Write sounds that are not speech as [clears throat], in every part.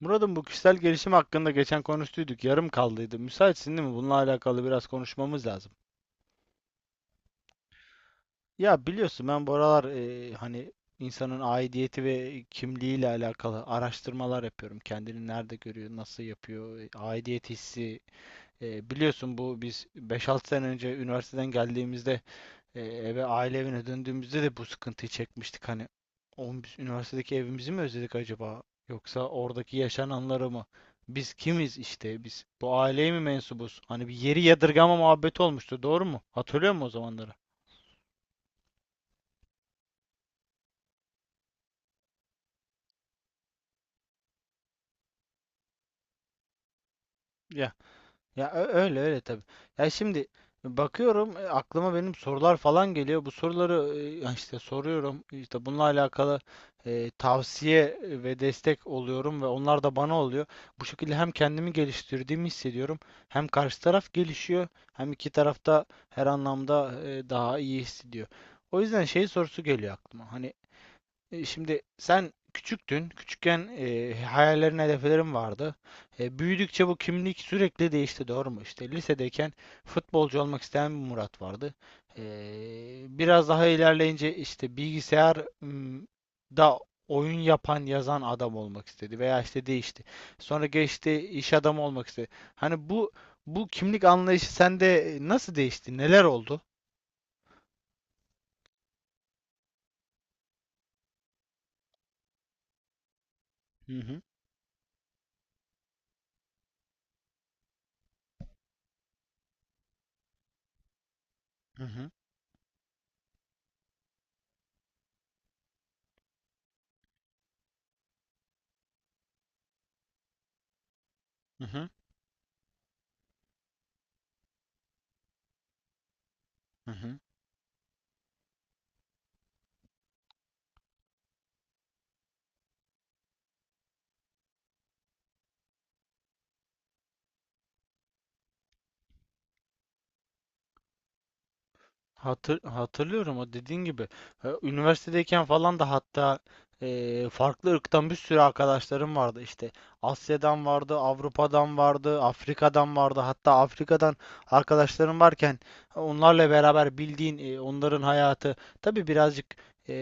Murat'ım, bu kişisel gelişim hakkında geçen konuştuyduk. Yarım kaldıydı. Müsaitsin değil mi? Bununla alakalı biraz konuşmamız lazım. Ya biliyorsun, ben bu aralar insanın aidiyeti ve kimliğiyle alakalı araştırmalar yapıyorum. Kendini nerede görüyor, nasıl yapıyor, aidiyet hissi. Biliyorsun bu biz 5-6 sene önce üniversiteden geldiğimizde, eve, aile evine döndüğümüzde de bu sıkıntıyı çekmiştik hani. Oğlum, biz üniversitedeki evimizi mi özledik acaba? Yoksa oradaki yaşananları mı? Biz kimiz işte biz? Bu aileye mi mensubuz? Hani bir yeri yadırgama muhabbeti olmuştu, doğru mu? Hatırlıyor musun o zamanları? Ya öyle öyle tabii. Ya şimdi, bakıyorum, aklıma benim sorular falan geliyor. Bu soruları ya işte soruyorum. İşte bununla alakalı tavsiye ve destek oluyorum ve onlar da bana oluyor. Bu şekilde hem kendimi geliştirdiğimi hissediyorum, hem karşı taraf gelişiyor, hem iki taraf da her anlamda daha iyi hissediyor. O yüzden şey sorusu geliyor aklıma. Hani şimdi sen küçüktün. Küçükken hayallerin, hedeflerin vardı. Büyüdükçe bu kimlik sürekli değişti, doğru mu? İşte lisedeyken futbolcu olmak isteyen bir Murat vardı. E, Biraz daha ilerleyince işte bilgisayar m, da oyun yapan, yazan adam olmak istedi veya işte değişti. Sonra geçti, iş adamı olmak istedi. Hani bu bu kimlik anlayışı sende nasıl değişti? Neler oldu? Hı hı, hı hı, hı hı, hı hı. Hatırlıyorum o dediğin gibi. Üniversitedeyken falan da, hatta, farklı ırktan bir sürü arkadaşlarım vardı işte. Asya'dan vardı, Avrupa'dan vardı, Afrika'dan vardı. Hatta Afrika'dan arkadaşlarım varken onlarla beraber bildiğin, onların hayatı tabii birazcık, e,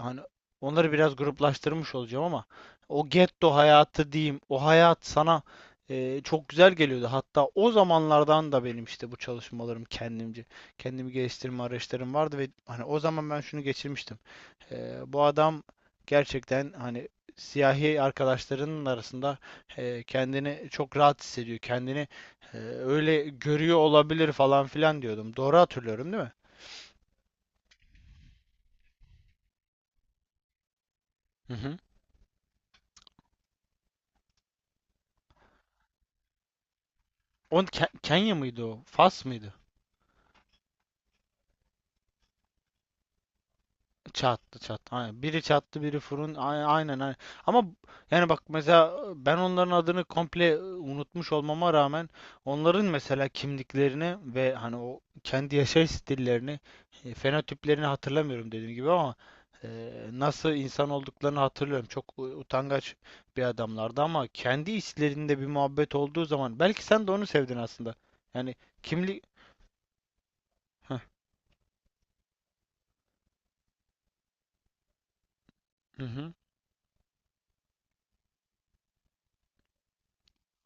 hani onları biraz gruplaştırmış olacağım ama o getto hayatı diyeyim, o hayat sana çok güzel geliyordu. Hatta o zamanlardan da benim işte bu çalışmalarım, kendimce kendimi geliştirme araçlarım vardı ve hani o zaman ben şunu geçirmiştim. Bu adam gerçekten hani siyahi arkadaşlarının arasında kendini çok rahat hissediyor. Kendini öyle görüyor olabilir falan filan diyordum. Doğru hatırlıyorum değil mi? Hı hı. O Kenya mıydı o? Fas mıydı? Çattı çattı. Aynen. Biri çattı biri fırın. Aynen aynen. Ama yani bak, mesela ben onların adını komple unutmuş olmama rağmen onların mesela kimliklerini ve hani o kendi yaşayış stillerini, fenotiplerini hatırlamıyorum, dediğim gibi, ama e, nasıl insan olduklarını hatırlıyorum. Çok utangaç bir adamlardı ama kendi içlerinde bir muhabbet olduğu zaman belki sen de onu sevdin aslında. Yani kimlik. Heh, hı hı.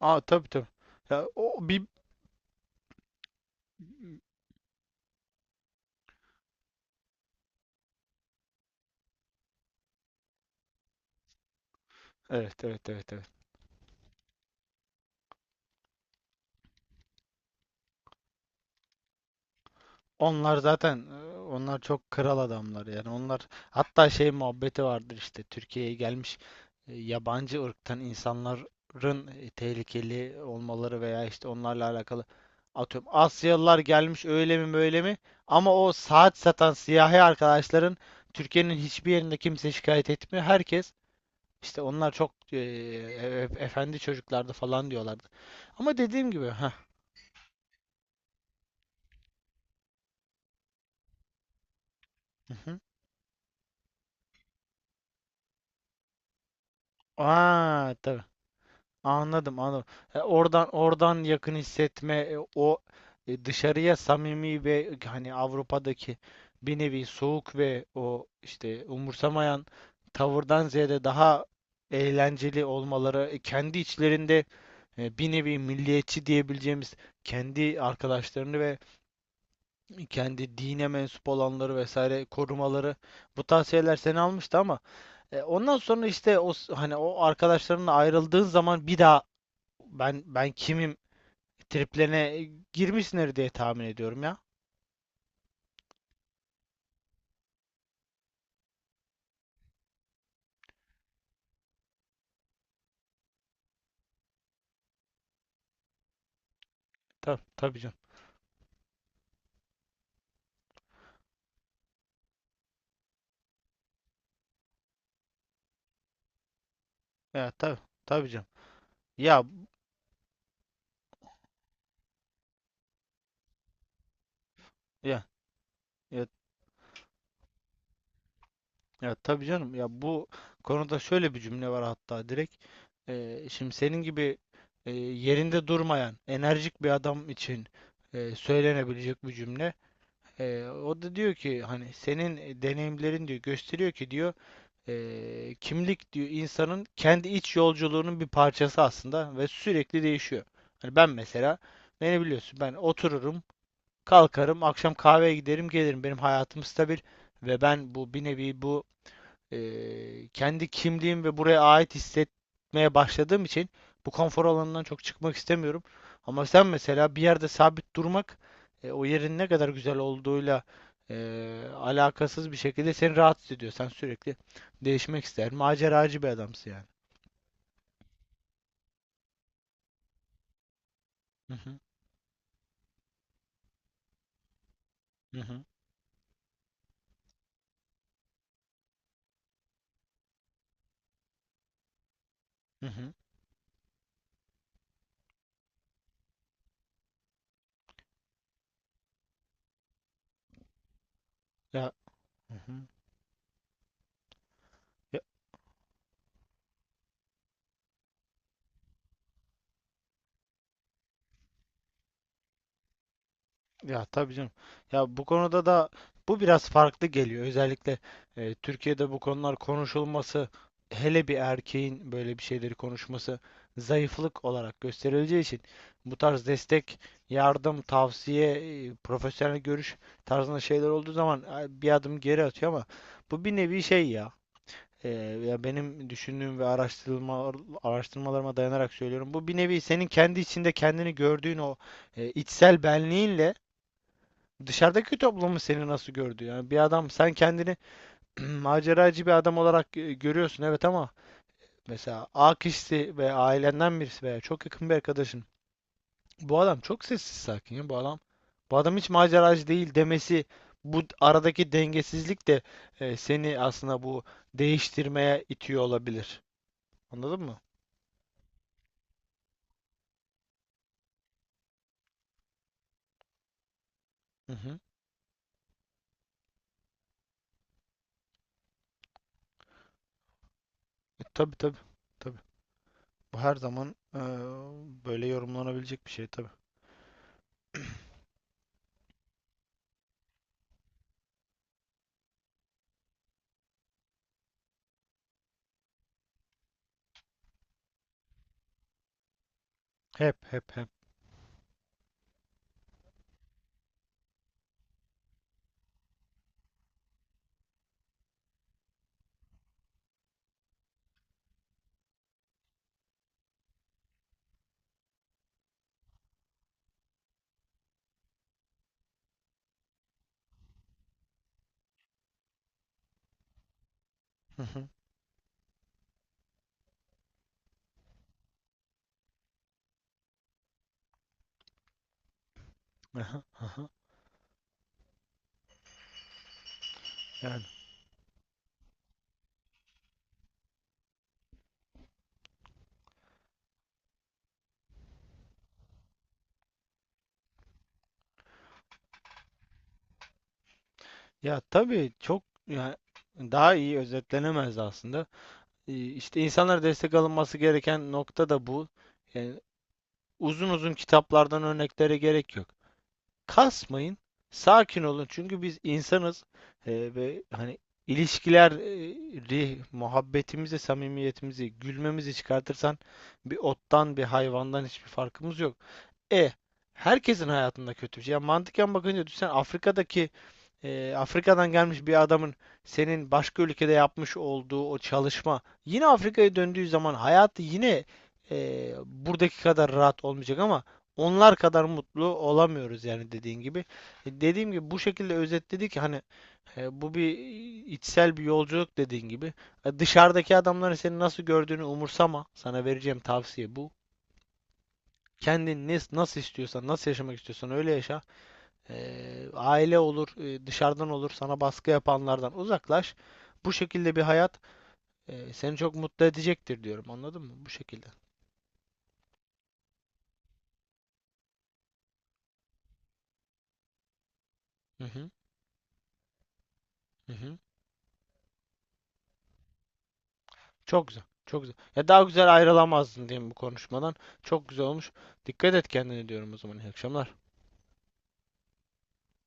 Aa tabii tabii. Ya o bir, evet evet evet evet. Onlar zaten, onlar çok kral adamlar yani. Onlar, hatta şey muhabbeti vardır, işte Türkiye'ye gelmiş yabancı ırktan insanların tehlikeli olmaları veya işte onlarla alakalı, atıyorum Asyalılar gelmiş öyle mi böyle mi, ama o saat satan siyahi arkadaşların Türkiye'nin hiçbir yerinde kimse şikayet etmiyor. Herkes işte onlar çok efendi çocuklardı falan diyorlardı, ama dediğim gibi ha. Aa tabii. Anladım, anladım. Oradan, oradan yakın hissetme, o dışarıya samimi ve Avrupa'daki bir nevi soğuk ve o işte umursamayan tavırdan ziyade daha eğlenceli olmaları, kendi içlerinde bir nevi milliyetçi diyebileceğimiz kendi arkadaşlarını ve kendi dine mensup olanları vesaire korumaları, bu tavsiyeler seni almıştı, ama ondan sonra işte o hani o arkadaşlarınla ayrıldığın zaman bir daha ben kimim triplerine girmişsindir diye tahmin ediyorum ya. Tabii, tabii canım. Ya tabii tabii canım. Ya ya, ya ya tabii canım. Ya bu konuda şöyle bir cümle var, hatta direkt. Şimdi senin gibi yerinde durmayan enerjik bir adam için söylenebilecek bir cümle. O da diyor ki, hani senin deneyimlerin, diyor, gösteriyor ki, diyor, kimlik, diyor, insanın kendi iç yolculuğunun bir parçası aslında ve sürekli değişiyor. Hani ben mesela, beni biliyorsun, ben otururum, kalkarım, akşam kahveye giderim, gelirim. Benim hayatım stabil ve ben bu, bir nevi bu kendi kimliğim ve buraya ait hissetmeye başladığım için bu konfor alanından çok çıkmak istemiyorum. Ama sen mesela bir yerde sabit durmak, o yerin ne kadar güzel olduğuyla e, alakasız bir şekilde seni rahatsız ediyor. Sen sürekli değişmek ister. Maceracı bir adamsın yani. Hı hı, hı hı, hı hı. Ya, hı hı. Ya tabii canım. Ya bu konuda da bu biraz farklı geliyor. Özellikle Türkiye'de bu konular konuşulması, hele bir erkeğin böyle bir şeyleri konuşması zayıflık olarak gösterileceği için bu tarz destek, yardım, tavsiye, profesyonel görüş tarzında şeyler olduğu zaman bir adım geri atıyor, ama bu bir nevi şey ya. E, Ya benim düşündüğüm ve araştırmalarıma dayanarak söylüyorum. Bu bir nevi senin kendi içinde kendini gördüğün o içsel benliğinle dışarıdaki toplumun seni nasıl gördü? Yani bir adam, sen kendini [clears throat] maceracı bir adam olarak görüyorsun, evet, ama mesela A kişisi ve ailenden birisi veya çok yakın bir arkadaşın, bu adam çok sessiz sakin, ya bu adam, bu adam hiç maceracı değil demesi, bu aradaki dengesizlik de seni aslında bu değiştirmeye itiyor olabilir. Anladın mı? Hı hı. Tabii tabii. Tabii. Bu her zaman böyle yorumlanabilecek bir şey tabii. [clears throat] Hep hep hep. Hı hı. Aha, aha. Yani, ya tabii, çok, yani daha iyi özetlenemez aslında. İşte insanlara destek alınması gereken nokta da bu. Yani uzun uzun kitaplardan örneklere gerek yok. Kasmayın, sakin olun, çünkü biz insanız. Ve hani ilişkileri, muhabbetimizi, samimiyetimizi, gülmemizi çıkartırsan bir ottan, bir hayvandan hiçbir farkımız yok. E, Herkesin hayatında kötü bir şey. Ya mantıken bakınca düşünsen, Afrika'daki, Afrika'dan gelmiş bir adamın senin başka ülkede yapmış olduğu o çalışma, yine Afrika'ya döndüğü zaman hayatı yine buradaki kadar rahat olmayacak, ama onlar kadar mutlu olamıyoruz yani, dediğin gibi. Dediğim gibi bu şekilde özetledik ki hani bu bir içsel bir yolculuk, dediğin gibi. Dışarıdaki adamların seni nasıl gördüğünü umursama. Sana vereceğim tavsiye bu. Kendin ne, nasıl istiyorsan, nasıl yaşamak istiyorsan öyle yaşa. Aile olur, dışarıdan olur, sana baskı yapanlardan uzaklaş. Bu şekilde bir hayat seni çok mutlu edecektir, diyorum. Anladın mı? Bu şekilde. Hı hı, hı hı. Çok güzel, çok güzel. Ya daha güzel ayrılamazdın, diyeyim, bu konuşmadan. Çok güzel olmuş. Dikkat et kendine, diyorum o zaman. İyi akşamlar.